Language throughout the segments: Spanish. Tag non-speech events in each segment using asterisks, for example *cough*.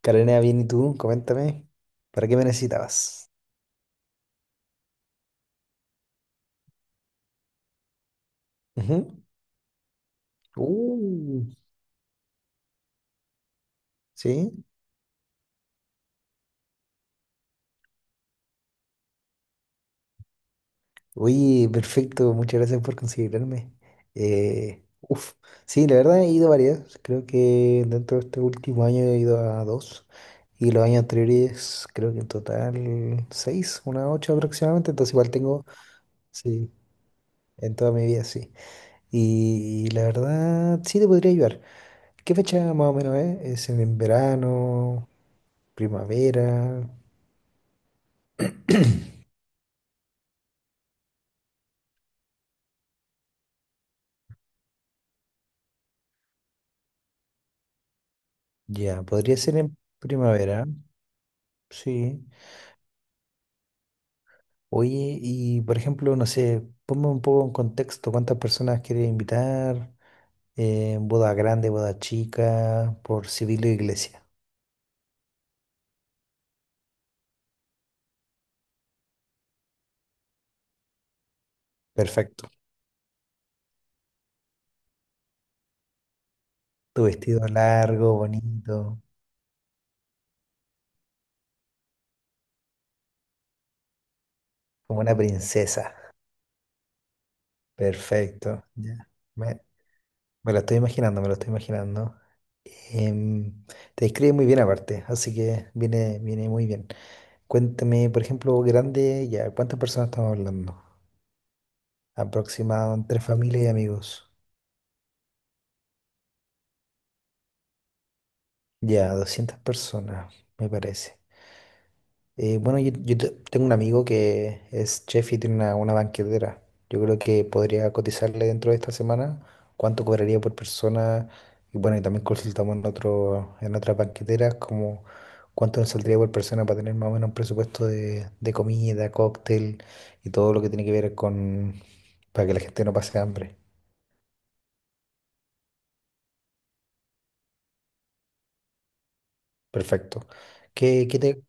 Carolina, bien, ¿y tú? Coméntame, ¿para qué me necesitabas? Ujú. Uh, sí. Uy, perfecto, muchas gracias por considerarme. Uf, sí, la verdad he ido varias. Creo que dentro de este último año he ido a dos. Y los años anteriores, creo que en total seis, unas ocho aproximadamente. Entonces, igual tengo, sí, en toda mi vida, sí. Y, la verdad, sí te podría ayudar. ¿Qué fecha más o menos es? ¿Es en verano? Primavera. Ya, podría ser en primavera, sí. Oye, y por ejemplo, no sé, ponme un poco en contexto, ¿cuántas personas quieres invitar? Boda grande, boda chica, por civil o iglesia. Perfecto. Tu vestido largo, bonito, como una princesa. Perfecto. Ya. Me, me lo estoy imaginando, me lo estoy imaginando. Em, Te describe muy bien aparte, así que viene muy bien. Cuéntame, por ejemplo, grande, ya, ¿cuántas personas estamos hablando? Aproximado entre familia y amigos. Ya, 200 personas, me parece. Bueno, yo tengo un amigo que es chef y tiene una banquetera. Yo creo que podría cotizarle dentro de esta semana cuánto cobraría por persona. Y bueno, y también consultamos en otras banqueteras como cuánto nos saldría por persona para tener más o menos un presupuesto de comida, cóctel y todo lo que tiene que ver con, para que la gente no pase hambre. Perfecto. ¿Qué, qué te-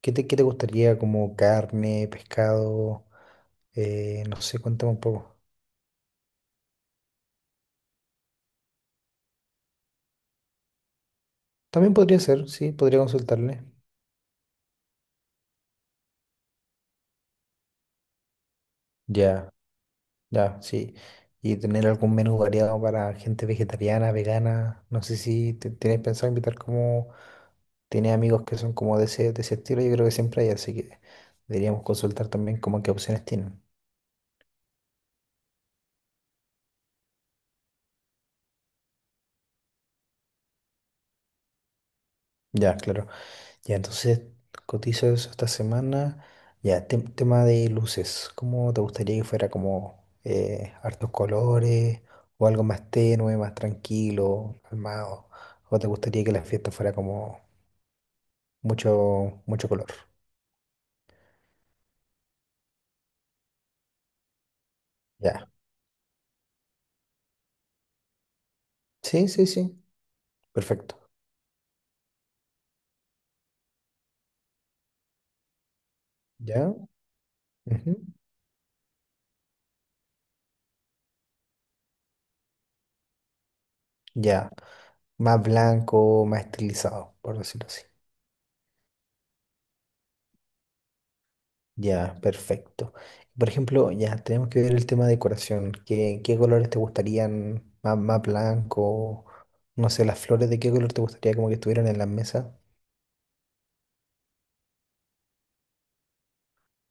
qué te gustaría como carne, pescado? No sé, cuéntame un poco. También podría ser, sí, podría consultarle. Ya, ya, sí. Y tener algún menú variado para gente vegetariana, vegana. No sé si tienes pensado invitar como. Tienes amigos que son como de ese estilo, yo creo que siempre hay, así que deberíamos consultar también como qué opciones tienen. Ya, claro. Ya, entonces cotizo eso esta semana. Ya, tema de luces. ¿Cómo te gustaría que fuera como hartos colores o algo más tenue, más tranquilo, calmado? ¿O te gustaría que la fiesta fuera como mucho, mucho color? Ya. Sí, sí, sí. Perfecto. Ya. Ujú. Ya. Más blanco, más estilizado, por decirlo así. Ya, perfecto. Por ejemplo, ya tenemos que ver el tema de decoración. ¿Qué colores te gustarían? Más blanco, no sé, las flores de qué color te gustaría como que estuvieran en la mesa.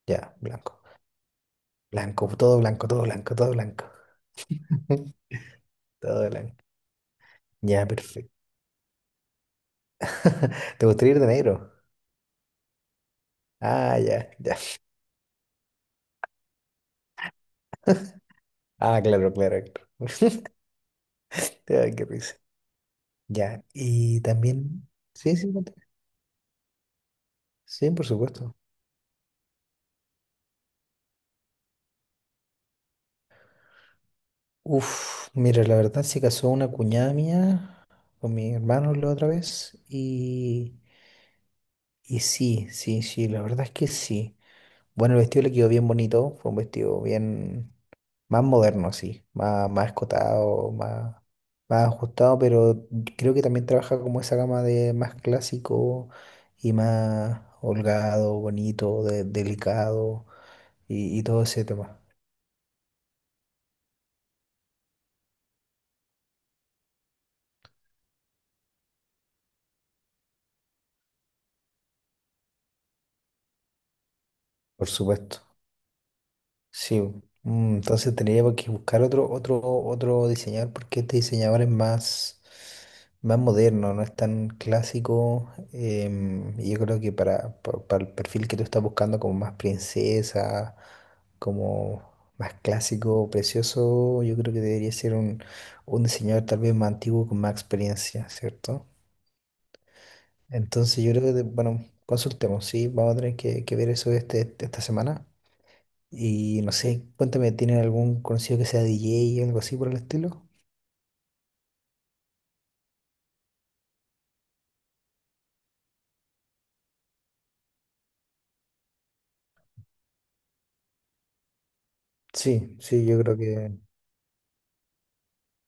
Ya, blanco. Blanco, todo blanco, todo blanco, todo blanco. *laughs* Todo blanco. Ya, perfecto. *laughs* ¿Te gustaría ir de negro? Ah, ya, ya. *laughs* Ah, claro, claro, claro. *laughs* Ay, qué risa. Ya, y también. Sí, sí, conté. Sí, por supuesto. Uf, mira, la verdad se casó una cuñada mía, con mis hermanos la otra vez y sí, sí, sí, la verdad es que sí. Bueno, el vestido le quedó bien bonito, fue un vestido bien más moderno, sí, más escotado, más ajustado, pero creo que también trabaja como esa gama de más clásico y más holgado, bonito, delicado y todo ese tema, por supuesto. Sí, entonces tendría que buscar otro diseñador porque este diseñador es más, moderno, no es tan clásico. Y yo creo que para el perfil que tú estás buscando, como más princesa, como más clásico, precioso, yo creo que debería ser un diseñador tal vez más antiguo con más experiencia, ¿cierto? Entonces yo creo que, bueno, consultemos, sí, vamos a tener que ver eso esta semana. Y no sé, cuéntame, ¿tienen algún conocido que sea DJ o algo así por el estilo? Sí, sí, yo creo que.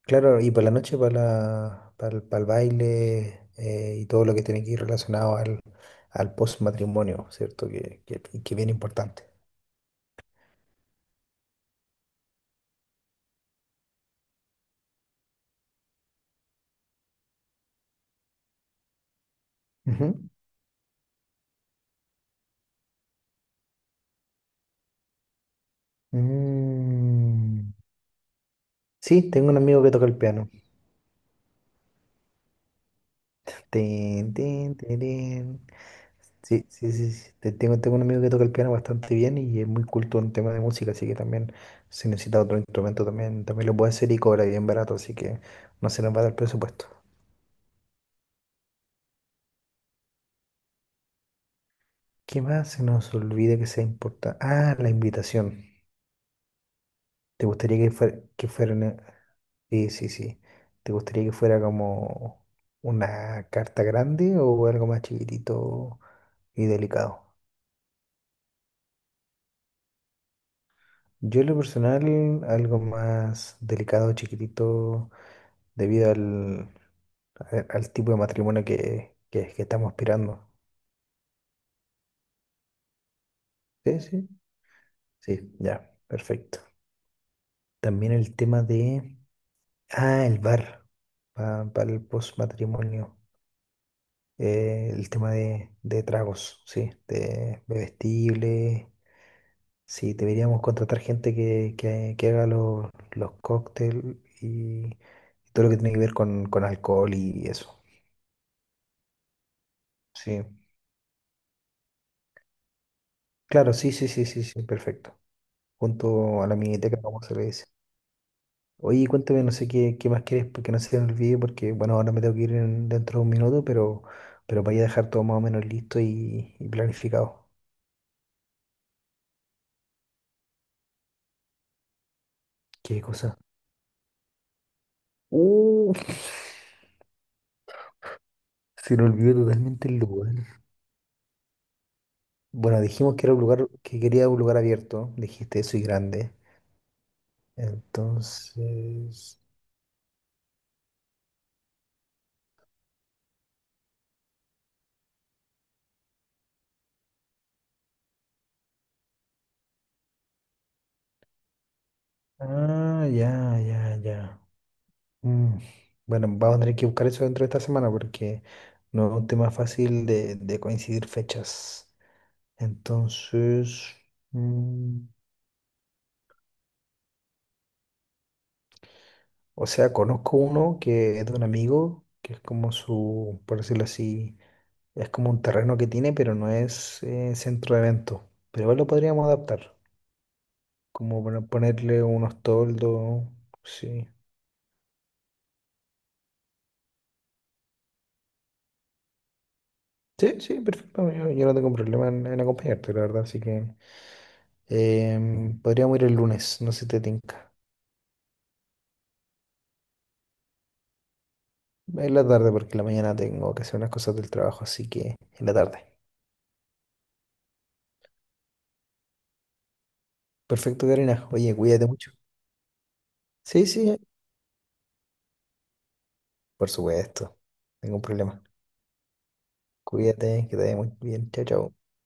Claro, y para la noche, para el baile y todo lo que tiene que ir relacionado al post-matrimonio, ¿cierto? Que bien importante. Ujú. Mm, sí, tengo un amigo que toca el piano. Tin, tin, tirín. Sí, sí, sí, sí. Tengo un amigo que toca el piano bastante bien y es muy culto en temas de música, así que también si necesita otro instrumento también, también lo puede hacer y cobra bien barato, así que no se nos va a dar presupuesto. ¿Qué más se nos olvida que sea importante? Ah, la invitación. ¿Te gustaría que fuera una- Sí, sí, sí. ¿Te gustaría que fuera como una carta grande o algo más chiquitito y delicado? Yo en lo personal, algo más delicado, chiquitito, debido al al tipo de matrimonio que estamos aspirando. Sí, sí, sí, ya, perfecto. También el tema de, el bar, para el postmatrimonio. El tema de tragos, sí, de bebestibles. Sí, deberíamos contratar gente que haga los cócteles y todo lo que tiene que ver con alcohol y eso. Sí, claro, sí, sí, sí, sí, sí, perfecto. Junto a la miniteca, como se le dice. Oye, cuéntame, no sé qué más quieres, porque no se me olvide, porque bueno, ahora me tengo que ir dentro de un minuto, pero para ya dejar todo más o menos listo y planificado. Qué cosa. Uh, Se me olvidó totalmente el lugar. Bueno, dijimos que era un lugar, que quería un lugar abierto. Dijiste eso y grande. Entonces. Ah, ya, ya, ya. Mm, Bueno, vamos a tener que buscar eso dentro de esta semana porque no es un tema fácil de coincidir fechas. Entonces, mm, o sea, conozco uno que es de un amigo, que es como su, por decirlo así, es como un terreno que tiene, pero no es centro de eventos. Pero igual lo podríamos adaptar, como para ponerle unos toldos, sí. Sí, sí, perfecto. Yo no tengo problema en acompañarte, la verdad. Así que podríamos ir el lunes, no sé si te tinca. En la tarde, porque en la mañana tengo que hacer unas cosas del trabajo, así que en la tarde. Perfecto, Karina. Oye, cuídate mucho. Sí, sí, por supuesto. Ningún problema. Cuídate, que te vaya muy bien. Chao, chao.